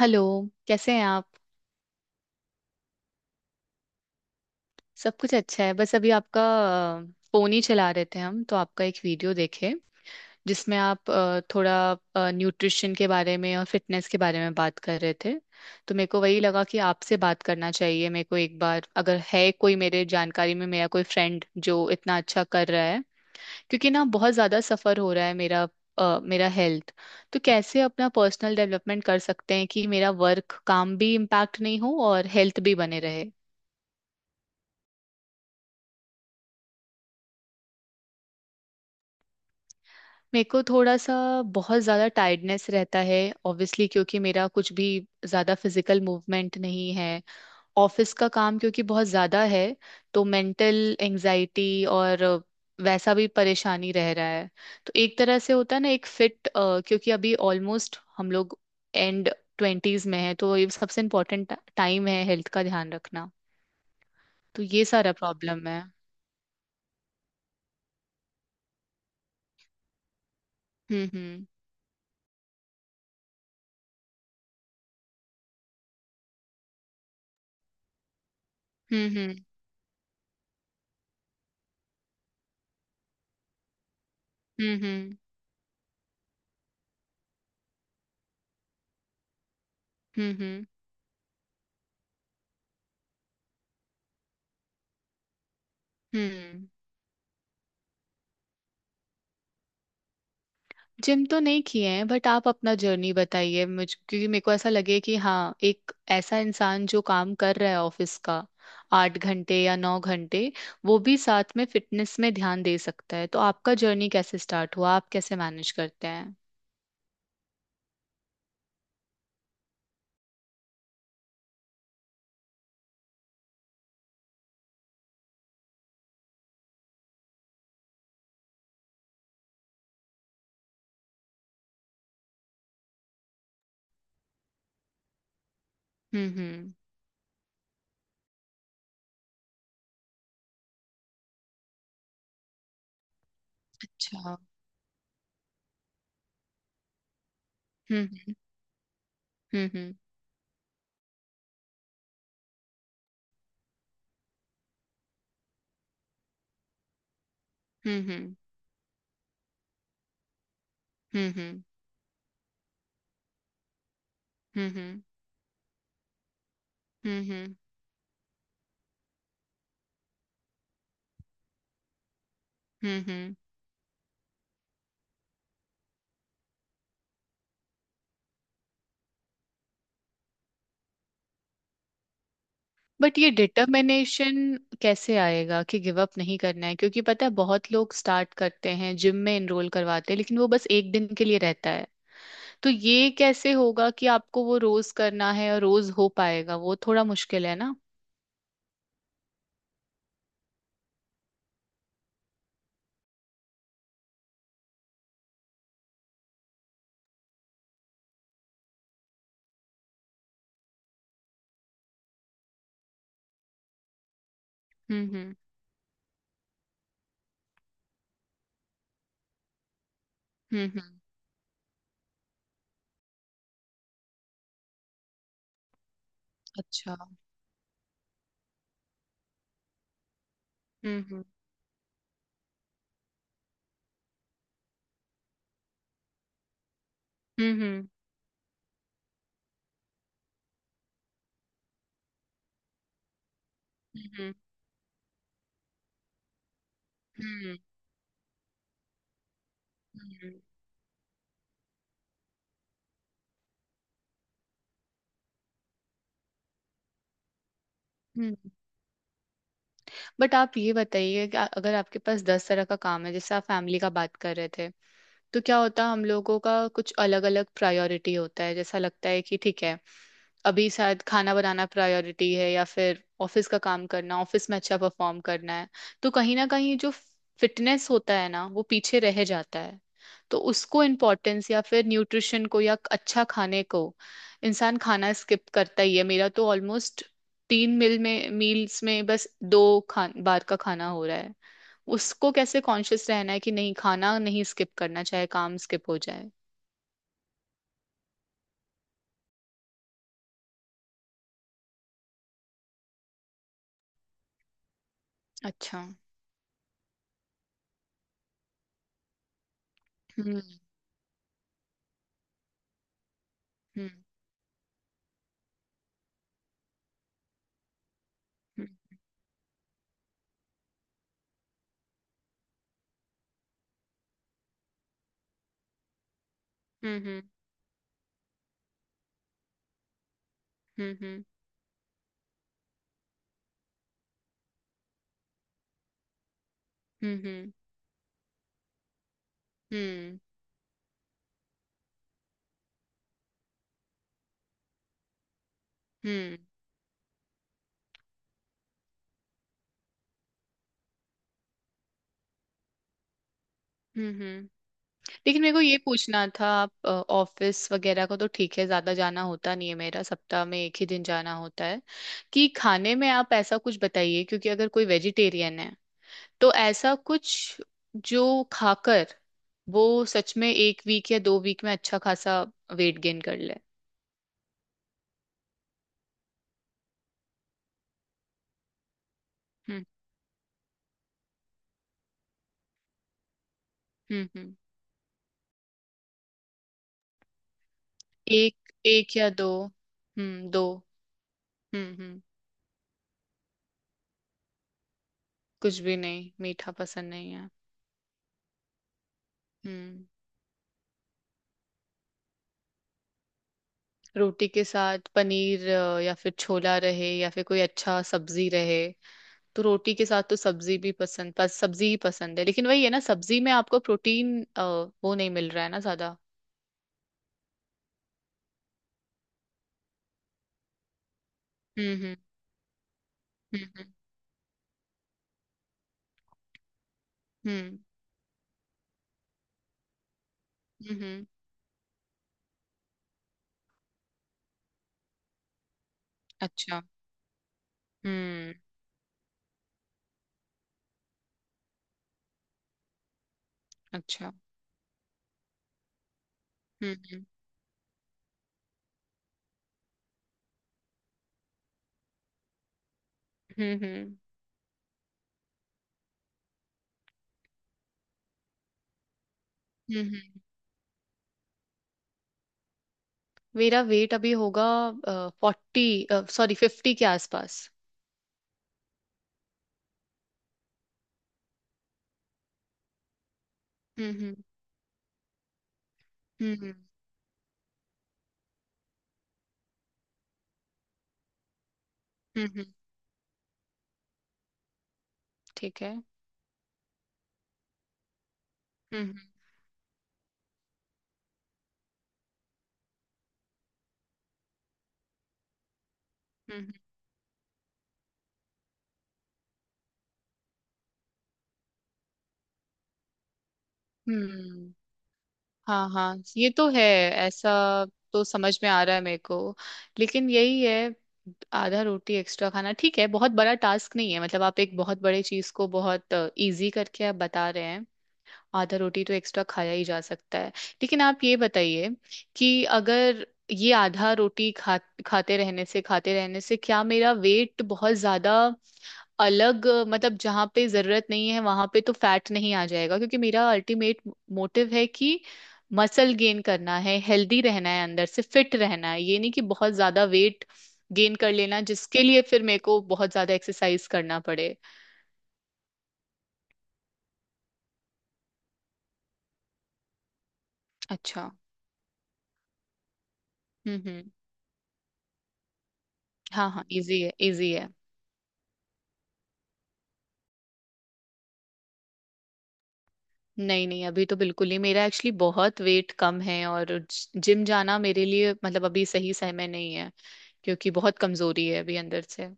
Hello. कैसे हैं आप? सब कुछ अच्छा है, बस अभी आपका फोन ही चला रहे थे। हम तो आपका एक वीडियो देखे जिसमें आप थोड़ा न्यूट्रिशन के बारे में और फिटनेस के बारे में बात कर रहे थे। तो मेरे को वही लगा कि आपसे बात करना चाहिए मेरे को एक बार, अगर है कोई मेरे जानकारी में मेरा कोई फ्रेंड जो इतना अच्छा कर रहा है। क्योंकि ना बहुत ज़्यादा सफ़र हो रहा है मेरा, मेरा हेल्थ। तो कैसे अपना पर्सनल डेवलपमेंट कर सकते हैं कि मेरा वर्क काम भी इम्पैक्ट नहीं हो और हेल्थ भी बने रहे। मेरे को थोड़ा सा बहुत ज़्यादा टायर्डनेस रहता है, ऑब्वियसली क्योंकि मेरा कुछ भी ज़्यादा फिजिकल मूवमेंट नहीं है। ऑफिस का काम क्योंकि बहुत ज़्यादा है, तो मेंटल एंजाइटी और वैसा भी परेशानी रह रहा है। तो एक तरह से होता है ना, एक फिट, क्योंकि अभी ऑलमोस्ट हम लोग एंड ट्वेंटीज में है, तो ये सबसे इम्पोर्टेंट टाइम है हेल्थ का ध्यान रखना। तो ये सारा प्रॉब्लम है। हम्म। हम्म। हम्म। हम्म। हम्म। हम्म। हम्म। हम्म। हम्म। जिम तो नहीं किए हैं, बट आप अपना जर्नी बताइए मुझ, क्योंकि मेरे को ऐसा लगे कि हाँ, एक ऐसा इंसान जो काम कर रहा है ऑफिस का, 8 घंटे या 9 घंटे, वो भी साथ में फिटनेस में ध्यान दे सकता है। तो आपका जर्नी कैसे स्टार्ट हुआ, आप कैसे मैनेज करते हैं? हम्म, हम्म। अच्छा। हम्म, हम्म, हम्म, हम्म, हम्म, हम्म, हम्म, हम्म, हम्म, हम्म, हम्म। बट ये डिटर्मिनेशन कैसे आएगा कि गिव अप नहीं करना है? क्योंकि पता है बहुत लोग स्टार्ट करते हैं, जिम में एनरोल करवाते हैं, लेकिन वो बस एक दिन के लिए रहता है। तो ये कैसे होगा कि आपको वो रोज करना है, और रोज हो पाएगा वो, थोड़ा मुश्किल है ना। हम्म, हम्म, हम्म, हम्म। अच्छा। हम्म, हम्म, हम्म, हम्म, हम्म, हम्म, हम्म, हम्म, बट आप ये बताइए कि अगर आपके पास 10 तरह का काम है, जैसे आप फैमिली का बात कर रहे थे। तो क्या होता है हम लोगों का, कुछ अलग अलग प्रायोरिटी होता है, जैसा लगता है कि ठीक है, अभी शायद खाना बनाना प्रायोरिटी है या फिर ऑफिस का काम करना, ऑफिस में अच्छा परफॉर्म करना है। तो कहीं ना कहीं जो फिटनेस होता है ना, वो पीछे रह जाता है। तो उसको इम्पोर्टेंस, या फिर न्यूट्रिशन को, या अच्छा खाने को, इंसान खाना स्किप करता ही है। मेरा तो ऑलमोस्ट तीन मील में मील्स में बस दो खान बार का खाना हो रहा है। उसको कैसे कॉन्शियस रहना है कि नहीं, खाना नहीं स्किप करना, चाहे काम स्किप हो जाए। अच्छा। हम्म, हम्म, हम्म, हम्म, हम्म, हम्म, हम्म, हम्म, हम्म, हम्म, हम्म, लेकिन मेरे को ये पूछना था, आप ऑफिस वगैरह को तो ठीक है, ज्यादा जाना होता नहीं है, मेरा सप्ताह में एक ही दिन जाना होता है। कि खाने में आप ऐसा कुछ बताइए, क्योंकि अगर कोई वेजिटेरियन है तो ऐसा कुछ जो खाकर वो सच में एक वीक या 2 वीक में अच्छा खासा वेट गेन कर ले। हम्म, हम्म, हम्म। एक एक या दो, हम्म, दो। हम्म, हम्म। कुछ भी नहीं, मीठा पसंद नहीं है। हम्म। रोटी के साथ पनीर, या फिर छोला रहे, या फिर कोई अच्छा सब्जी रहे। तो रोटी के साथ तो सब्जी भी पसंद, सब्जी ही पसंद है, लेकिन वही है ना, सब्जी में आपको प्रोटीन, वो नहीं मिल रहा है ना ज्यादा। हम्म, हम्म, हम्म, हम्म, हम्म, हम्म। अच्छा। हम्म। अच्छा। हम्म, हम्म, हम्म, हम्म। मेरा वेट अभी होगा 40, सॉरी 50 के आसपास। हम्म, हम्म, हम्म, हम्म, ठीक है। हम्म, हम्म, हम्म, हम्म। हाँ हाँ, ये तो है। ऐसा तो समझ में आ रहा है मेरे को, लेकिन यही है। आधा रोटी एक्स्ट्रा खाना ठीक है, बहुत बड़ा टास्क नहीं है। मतलब आप एक बहुत बड़े चीज को बहुत इजी करके आप बता रहे हैं। आधा रोटी तो एक्स्ट्रा खाया ही जा सकता है। लेकिन आप ये बताइए कि अगर ये आधा रोटी खा खाते रहने से क्या मेरा वेट बहुत ज्यादा अलग, मतलब जहाँ पे जरूरत नहीं है वहां पे तो फैट नहीं आ जाएगा? क्योंकि मेरा अल्टीमेट मोटिव है कि मसल गेन करना है, हेल्दी रहना है, अंदर से फिट रहना है, ये नहीं कि बहुत ज्यादा वेट गेन कर लेना जिसके लिए फिर मेरे को बहुत ज्यादा एक्सरसाइज करना पड़े। अच्छा। हम्म, हम्म। हाँ हाँ, इजी है इजी है। नहीं नहीं, अभी तो बिल्कुल ही मेरा एक्चुअली बहुत वेट कम है, और जिम जाना मेरे लिए, मतलब अभी सही समय नहीं है, क्योंकि बहुत कमजोरी है अभी अंदर से।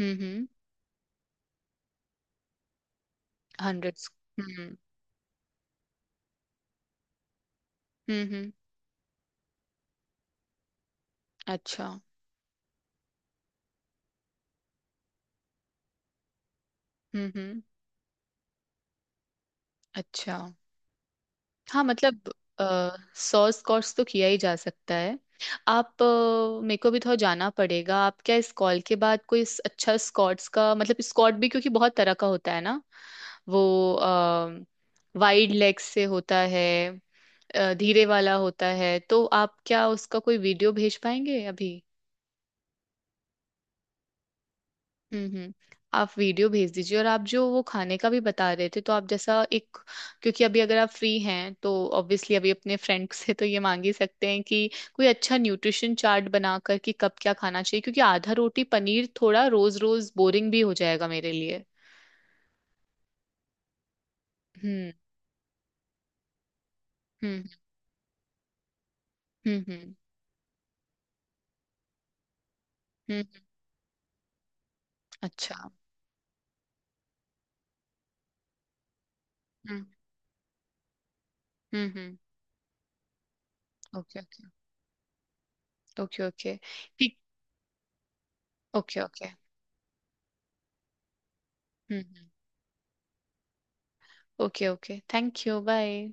हम्म, हम्म। 100? हम्म, हम्म। अच्छा। हम्म, हम्म। अच्छा। हाँ मतलब सॉस कोर्स तो किया ही जा सकता है। आप मेरे को भी थोड़ा जाना पड़ेगा, आप क्या इस कॉल के बाद कोई अच्छा, स्कॉट्स का मतलब स्कॉट भी क्योंकि बहुत तरह का होता है ना। वो वाइड लेग से होता है, धीरे वाला होता है। तो आप क्या उसका कोई वीडियो भेज पाएंगे अभी? हम्म, हम्म। आप वीडियो भेज दीजिए, और आप जो वो खाने का भी बता रहे थे, तो आप जैसा एक, क्योंकि अभी अगर आप फ्री हैं तो ऑब्वियसली अभी अपने फ्रेंड से तो ये मांग ही सकते हैं कि कोई अच्छा न्यूट्रिशन चार्ट बनाकर, कि कब क्या खाना चाहिए, क्योंकि आधा रोटी पनीर थोड़ा रोज रोज बोरिंग भी हो जाएगा मेरे लिए। हम्म, हम्म, हम्म, हम्म, हम्म। अच्छा। हम्म, हम्म, हम्म। ओके। Okay okay. ठीक। Okay okay. हम्म। Okay okay, thank you, bye.